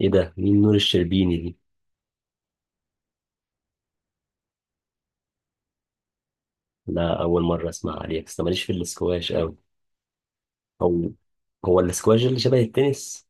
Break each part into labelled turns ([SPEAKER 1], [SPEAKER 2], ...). [SPEAKER 1] ايه ده، مين نور الشربيني دي؟ لا، اول مره اسمع عليها، بس أنا ماليش في الاسكواش قوي. هو هو الاسكواش اللي شبه التنس؟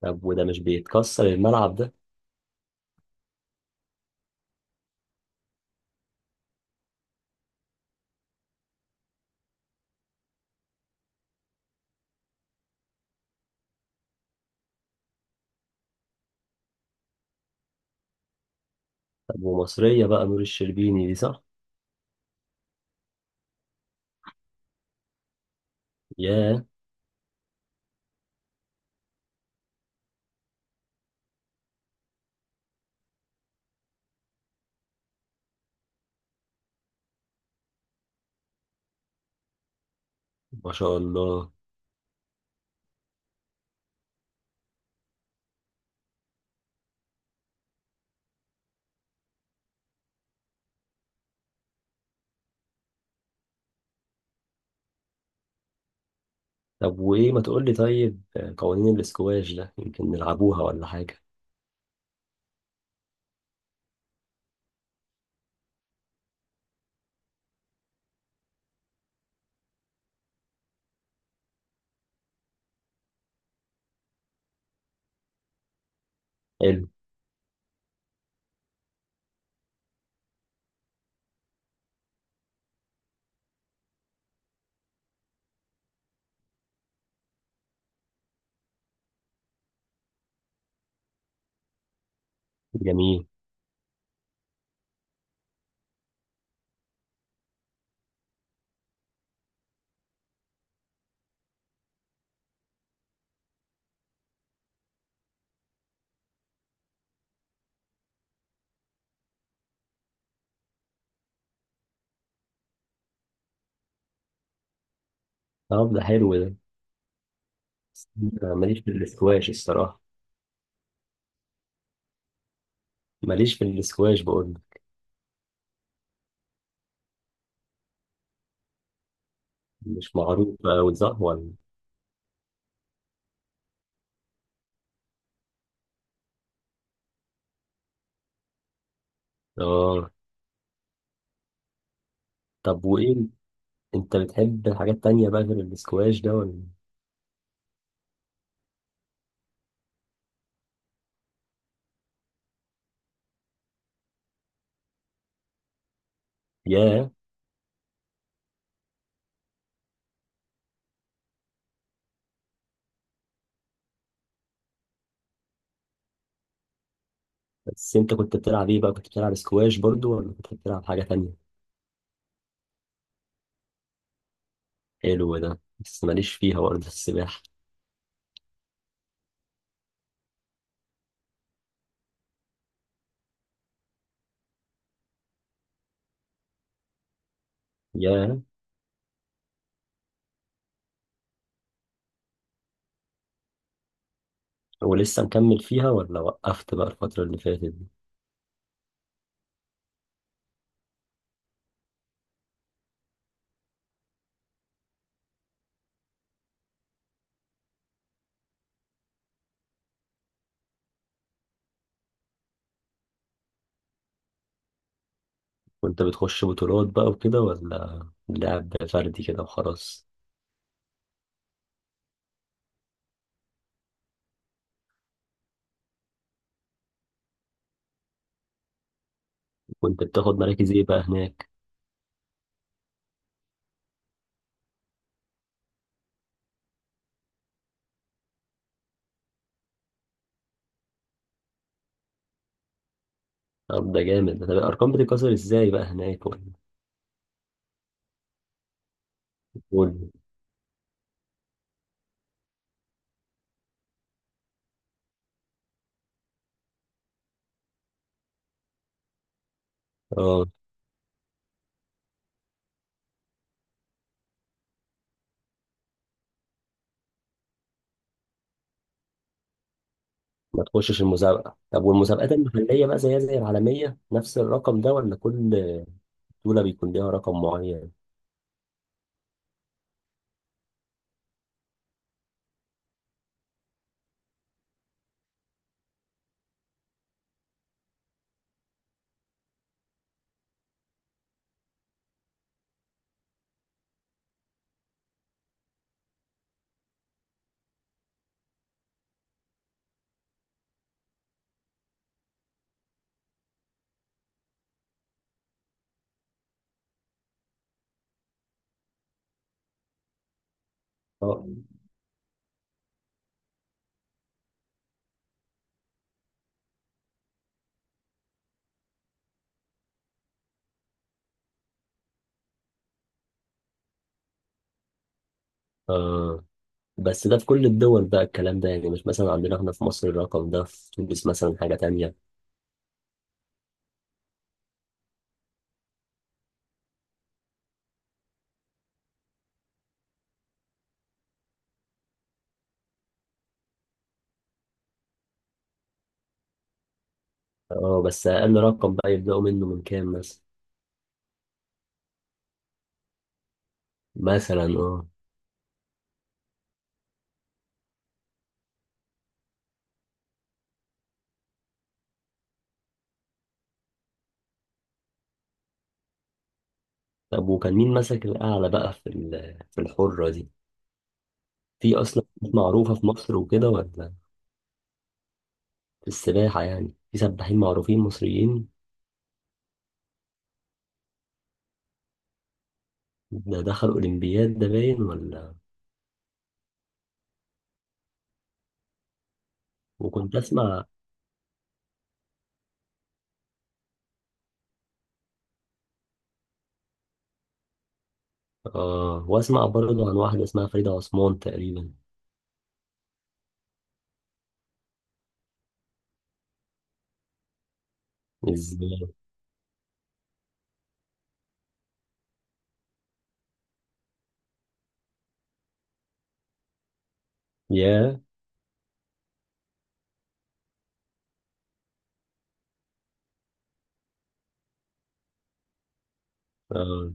[SPEAKER 1] طب وده مش بيتكسر الملعب ده؟ طب ومصريه بقى نور الشربيني دي، صح؟ ياه، ما شاء الله. طب وايه، ما تقول لي؟ طيب، قوانين الاسكواش ده يمكن نلعبوها ولا حاجه؟ حلو. جميل. طب ده حلو ده. أنا ماليش في الاسكواش الصراحه، ماليش في الاسكواش بقول لك. مش معروف قوي، صح ولا؟ اه. طب وايه، انت بتحب الحاجات التانية بقى غير الاسكواش ده ولا؟ ياه. بس انت كنت بتلعب ايه بقى؟ كنت بتلعب اسكواش برضو ولا كنت بتلعب حاجة تانية؟ حلو ده، بس ماليش فيها برضه السباحة. ياه. ولسه مكمل فيها ولا وقفت بقى الفترة اللي فاتت دي؟ كنت بتخش بطولات بقى وكده ولا لعب فردي كده وخلاص؟ كنت بتاخد مراكز ايه بقى هناك؟ طب ده جامد ده. الارقام بتتكسر ازاي بقى هناك ولا؟ قول. اه. ما تخشش المسابقة. طب والمسابقات المحلية بقى زيها زي العالمية، نفس الرقم ده ولا كل دولة بيكون ليها رقم معين؟ اه. آه. بس ده في كل الدول بقى الكلام ده، يعني مش مثلا عندنا احنا في مصر الرقم ده في تونس مثلا حاجة تانية؟ اه، بس أقل رقم بقى يبدأوا منه من كام مثلا؟ مثلا اه. طب وكان مين ماسك الأعلى بقى في في الحرة دي؟ في أصلا ناس معروفة في مصر وكده ولا؟ في السباحة يعني، في سباحين معروفين مصريين؟ ده دخل أولمبياد ده باين ولا؟ وكنت اسمع. آه، واسمع برضه عن واحدة اسمها فريدة عثمان تقريبا. ازاي؟ يا. آه.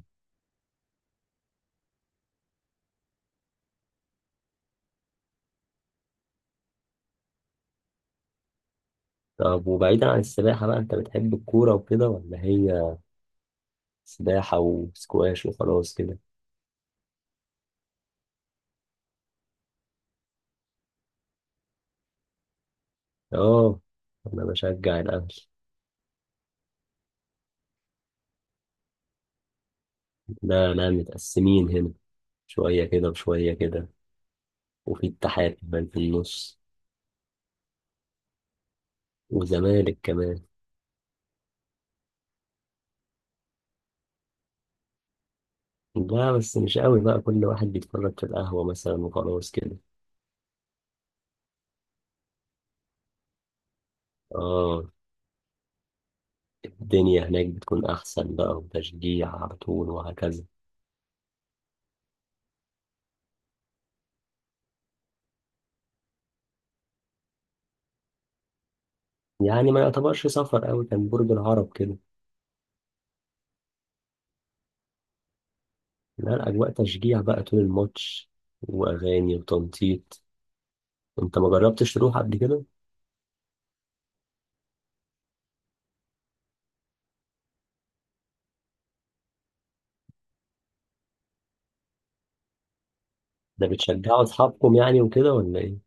[SPEAKER 1] طب وبعيدا عن السباحة بقى، انت بتحب الكورة وكده ولا هي سباحة وسكواش وخلاص كده؟ اه، انا بشجع الاهلي. لا لا، متقسمين هنا، شوية كده وشوية كده، وفي اتحاد كمان في النص. وزمالك كمان. لا بس مش قوي بقى، كل واحد بيتفرج في القهوة مثلا وخلاص كده. اه، الدنيا هناك بتكون أحسن بقى، وتشجيع على طول وهكذا. يعني ما يعتبرش سفر أوي، كان برج العرب كده. لا، الأجواء تشجيع بقى طول الماتش، وأغاني وتنطيط. أنت ما جربتش تروح قبل كده؟ ده بتشجعوا أصحابكم يعني وكده ولا إيه؟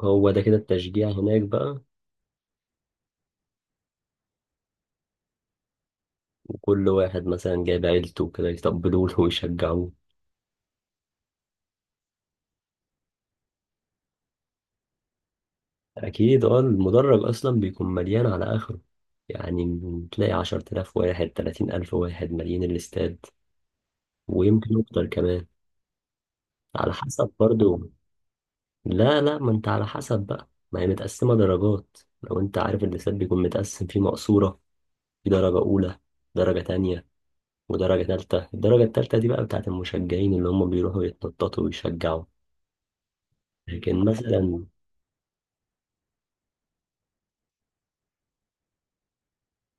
[SPEAKER 1] هو ده كده التشجيع هناك بقى. وكل واحد مثلا جايب عيلته كده يتقبلوا له ويشجعوه. أكيد. أه، المدرج أصلا بيكون مليان على آخره، يعني تلاقي 10 آلاف واحد، 30 ألف واحد، مليان الاستاد. ويمكن أكتر كمان. على حسب برضو. لا لا، ما انت على حسب بقى، ما هي متقسمة درجات. لو انت عارف، اللسات بيكون متقسم، فيه مقصورة، في درجة أولى، درجة تانية، ودرجة تالتة. الدرجة التالتة دي بقى بتاعت المشجعين، اللي هم بيروحوا يتنططوا ويشجعوا. لكن مثلا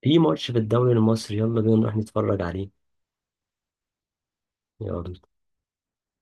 [SPEAKER 1] في ماتش في الدوري المصري، يلا بينا نروح نتفرج عليه. يلا.